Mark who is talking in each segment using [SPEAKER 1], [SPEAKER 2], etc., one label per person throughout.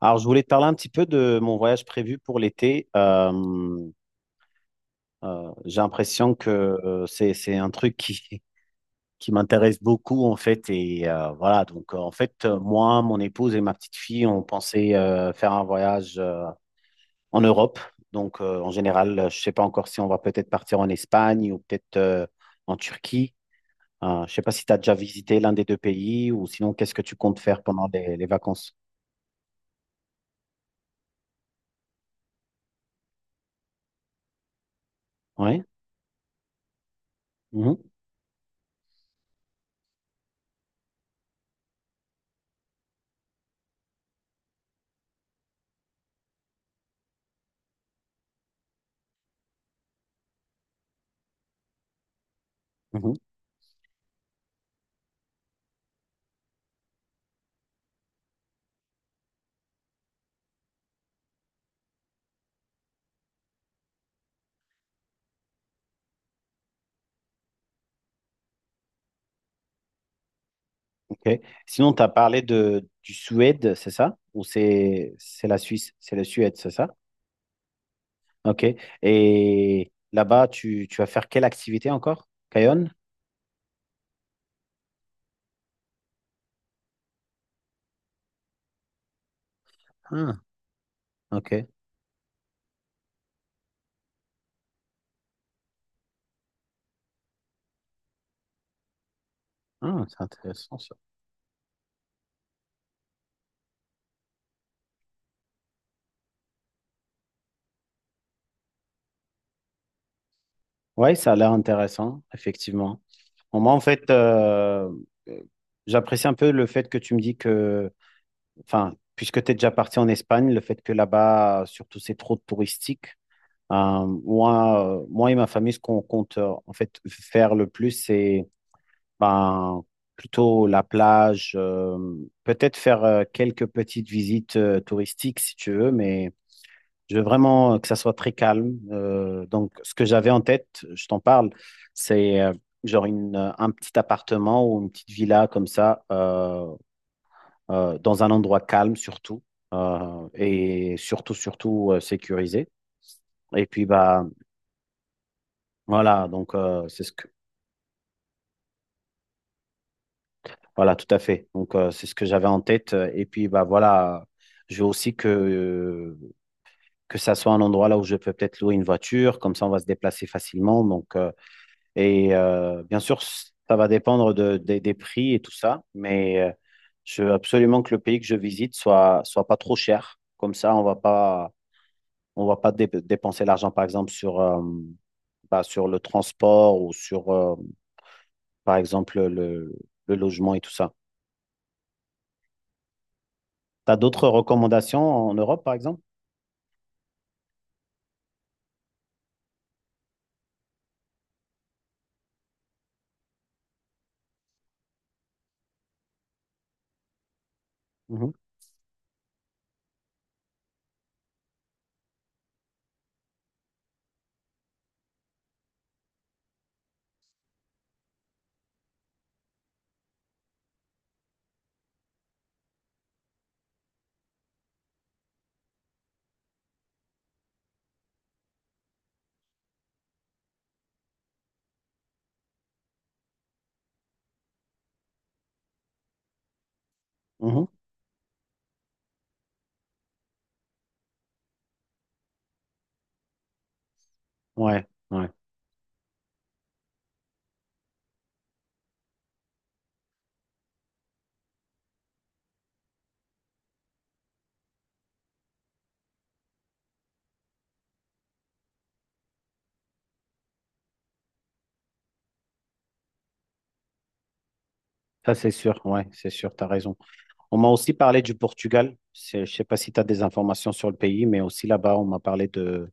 [SPEAKER 1] Alors, je voulais te parler un petit peu de mon voyage prévu pour l'été. J'ai l'impression que c'est un truc qui, qui m'intéresse beaucoup, en fait. Et voilà, donc en fait, moi, mon épouse et ma petite fille, on pensait faire un voyage en Europe. Donc, en général, je ne sais pas encore si on va peut-être partir en Espagne ou peut-être en Turquie. Je ne sais pas si tu as déjà visité l'un des deux pays ou sinon, qu'est-ce que tu comptes faire pendant les vacances? Oui. Mhm. Mhm. Ok. Sinon, tu as parlé de, du Suède, c'est ça? Ou c'est la Suisse? C'est la Suède, c'est ça? Ok. Et là-bas, tu vas faire quelle activité encore? Cayonne? Ah, ok. Ah, c'est intéressant ça. Oui, ça a l'air intéressant, effectivement. Bon, moi, en fait, euh, j'apprécie un peu le fait que tu me dis que, enfin, puisque tu es déjà parti en Espagne, le fait que là-bas, surtout, c'est trop touristique. Moi, moi et ma famille, ce qu'on compte en fait faire le plus, c'est ben, plutôt la plage, peut-être faire quelques petites visites touristiques si tu veux, mais je veux vraiment que ça soit très calme. Donc, ce que j'avais en tête, je t'en parle, c'est genre un petit appartement ou une petite villa comme ça, dans un endroit calme surtout, et surtout, surtout sécurisé. Et puis, bah, voilà, donc c'est ce que, voilà, tout à fait. Donc, c'est ce que j'avais en tête. Et puis, bah voilà, je veux aussi que ça soit un endroit là où je peux peut-être louer une voiture. Comme ça, on va se déplacer facilement. Donc, bien sûr, ça va dépendre de, des prix et tout ça. Mais je veux absolument que le pays que je visite soit, soit pas trop cher. Comme ça, on va pas dépenser l'argent, par exemple, sur, bah, sur le transport ou sur, par exemple, le logement et tout ça. T'as d'autres recommandations en Europe, par exemple? Mhm, mhm. Ouais, ouais. Ça, c'est sûr. Ouais, c'est sûr. T'as raison. On m'a aussi parlé du Portugal. C'est- je sais pas si tu as des informations sur le pays, mais aussi là-bas, on m'a parlé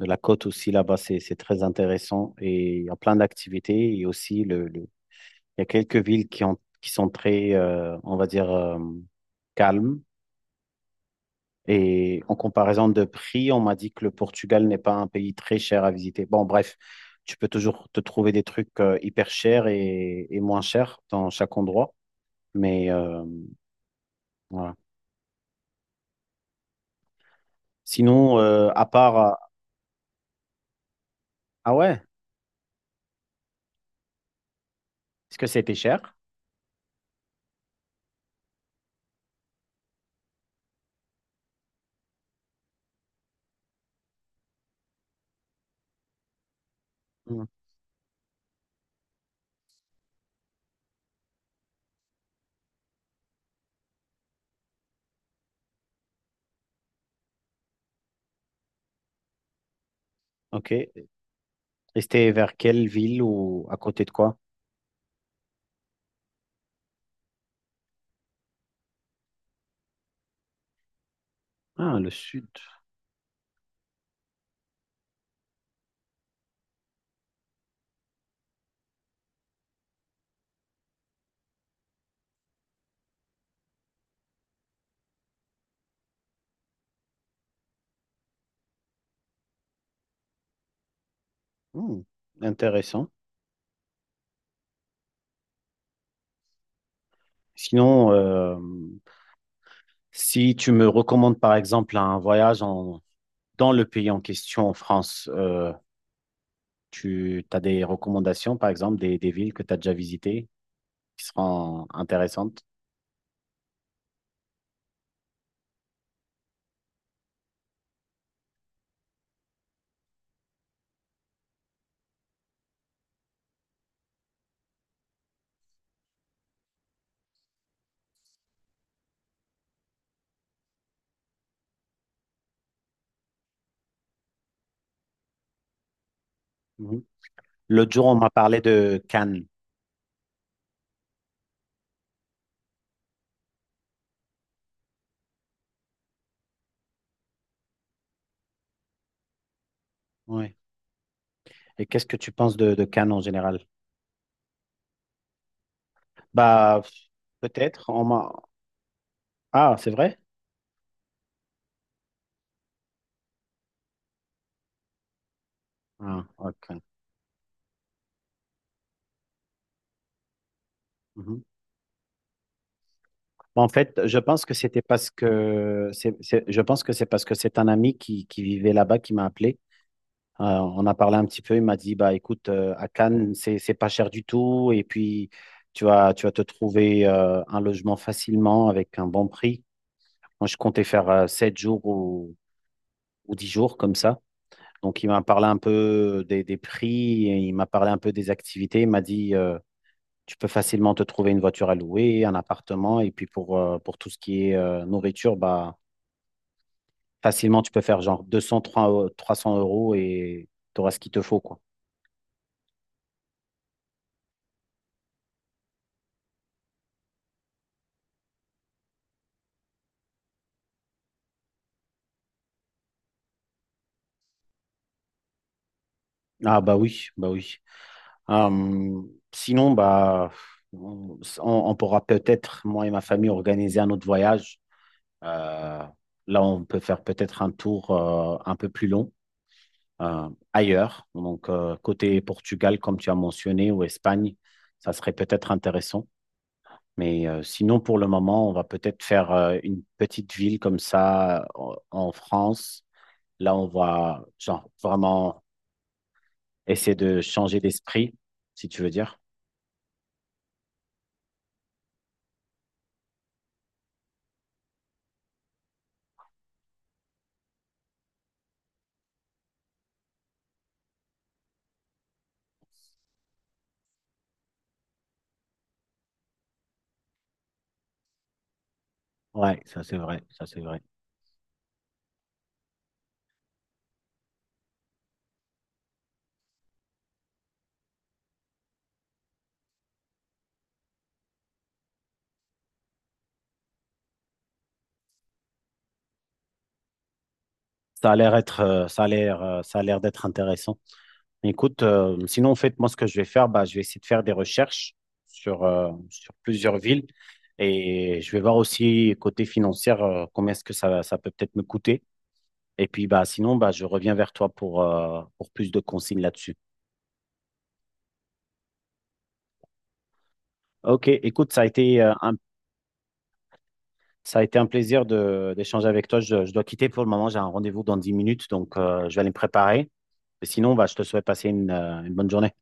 [SPEAKER 1] de la côte aussi là-bas. C'est très intéressant et il y a plein d'activités et aussi il y a quelques villes qui ont, qui sont très, on va dire, calmes. Et en comparaison de prix, on m'a dit que le Portugal n'est pas un pays très cher à visiter. Bon, bref, tu peux toujours te trouver des trucs hyper chers et moins chers dans chaque endroit. Mais voilà. Sinon, à part... ah ouais, est-ce que c'était cher? Hmm, ok. Et c'était vers quelle ville ou à côté de quoi? Ah, le sud. Hmm, intéressant. Sinon, si tu me recommandes par exemple un voyage en- dans le pays en question, en France, tu as des recommandations, par exemple, des villes que tu as déjà visitées qui seront intéressantes? Mhm. L'autre jour, on m'a parlé de Cannes. Ouais. Et qu'est-ce que tu penses de Cannes en général? Bah, peut-être. On m'a... ah, c'est vrai? Ah, ok. Mhm. En fait, je pense que c'était parce que je pense que c'est parce que c'est un ami qui vivait là-bas qui m'a appelé. On a parlé un petit peu, il m'a dit, bah écoute, à Cannes, c'est pas cher du tout, et puis tu vas te trouver un logement facilement avec un bon prix. Moi, je comptais faire 7 jours ou 10 jours comme ça. Donc, il m'a parlé un peu des prix, et il m'a parlé un peu des activités, il m'a dit, tu peux facilement te trouver une voiture à louer, un appartement, et puis pour tout ce qui est nourriture, bah, facilement, tu peux faire genre 200, 300 € et tu auras ce qu'il te faut, quoi. Ah bah oui, bah oui. Sinon, bah, on pourra peut-être, moi et ma famille, organiser un autre voyage. Euh, là, on peut faire peut-être un tour un peu plus long. Ailleurs. Donc, côté Portugal, comme tu as mentionné, ou Espagne, ça serait peut-être intéressant. Mais sinon, pour le moment, on va peut-être faire une petite ville comme ça en France. Là, on va genre, vraiment essayer de changer d'esprit, si tu veux dire. Ouais, ça c'est vrai, ça c'est vrai. Ça a l'air être, ça a l'air d'être intéressant. Écoute, sinon, en fait, moi, ce que je vais faire, bah, je vais essayer de faire des recherches sur, sur plusieurs villes et je vais voir aussi côté financier combien est-ce que ça peut peut-être me coûter. Et puis, bah, sinon, bah, je reviens vers toi pour plus de consignes là-dessus. Ok, écoute, ça a été un plaisir de, d'échanger avec toi. Je dois quitter pour le moment, j'ai un rendez-vous dans 10 minutes, donc je vais aller me préparer. Et sinon, bah, je te souhaite passer une bonne journée.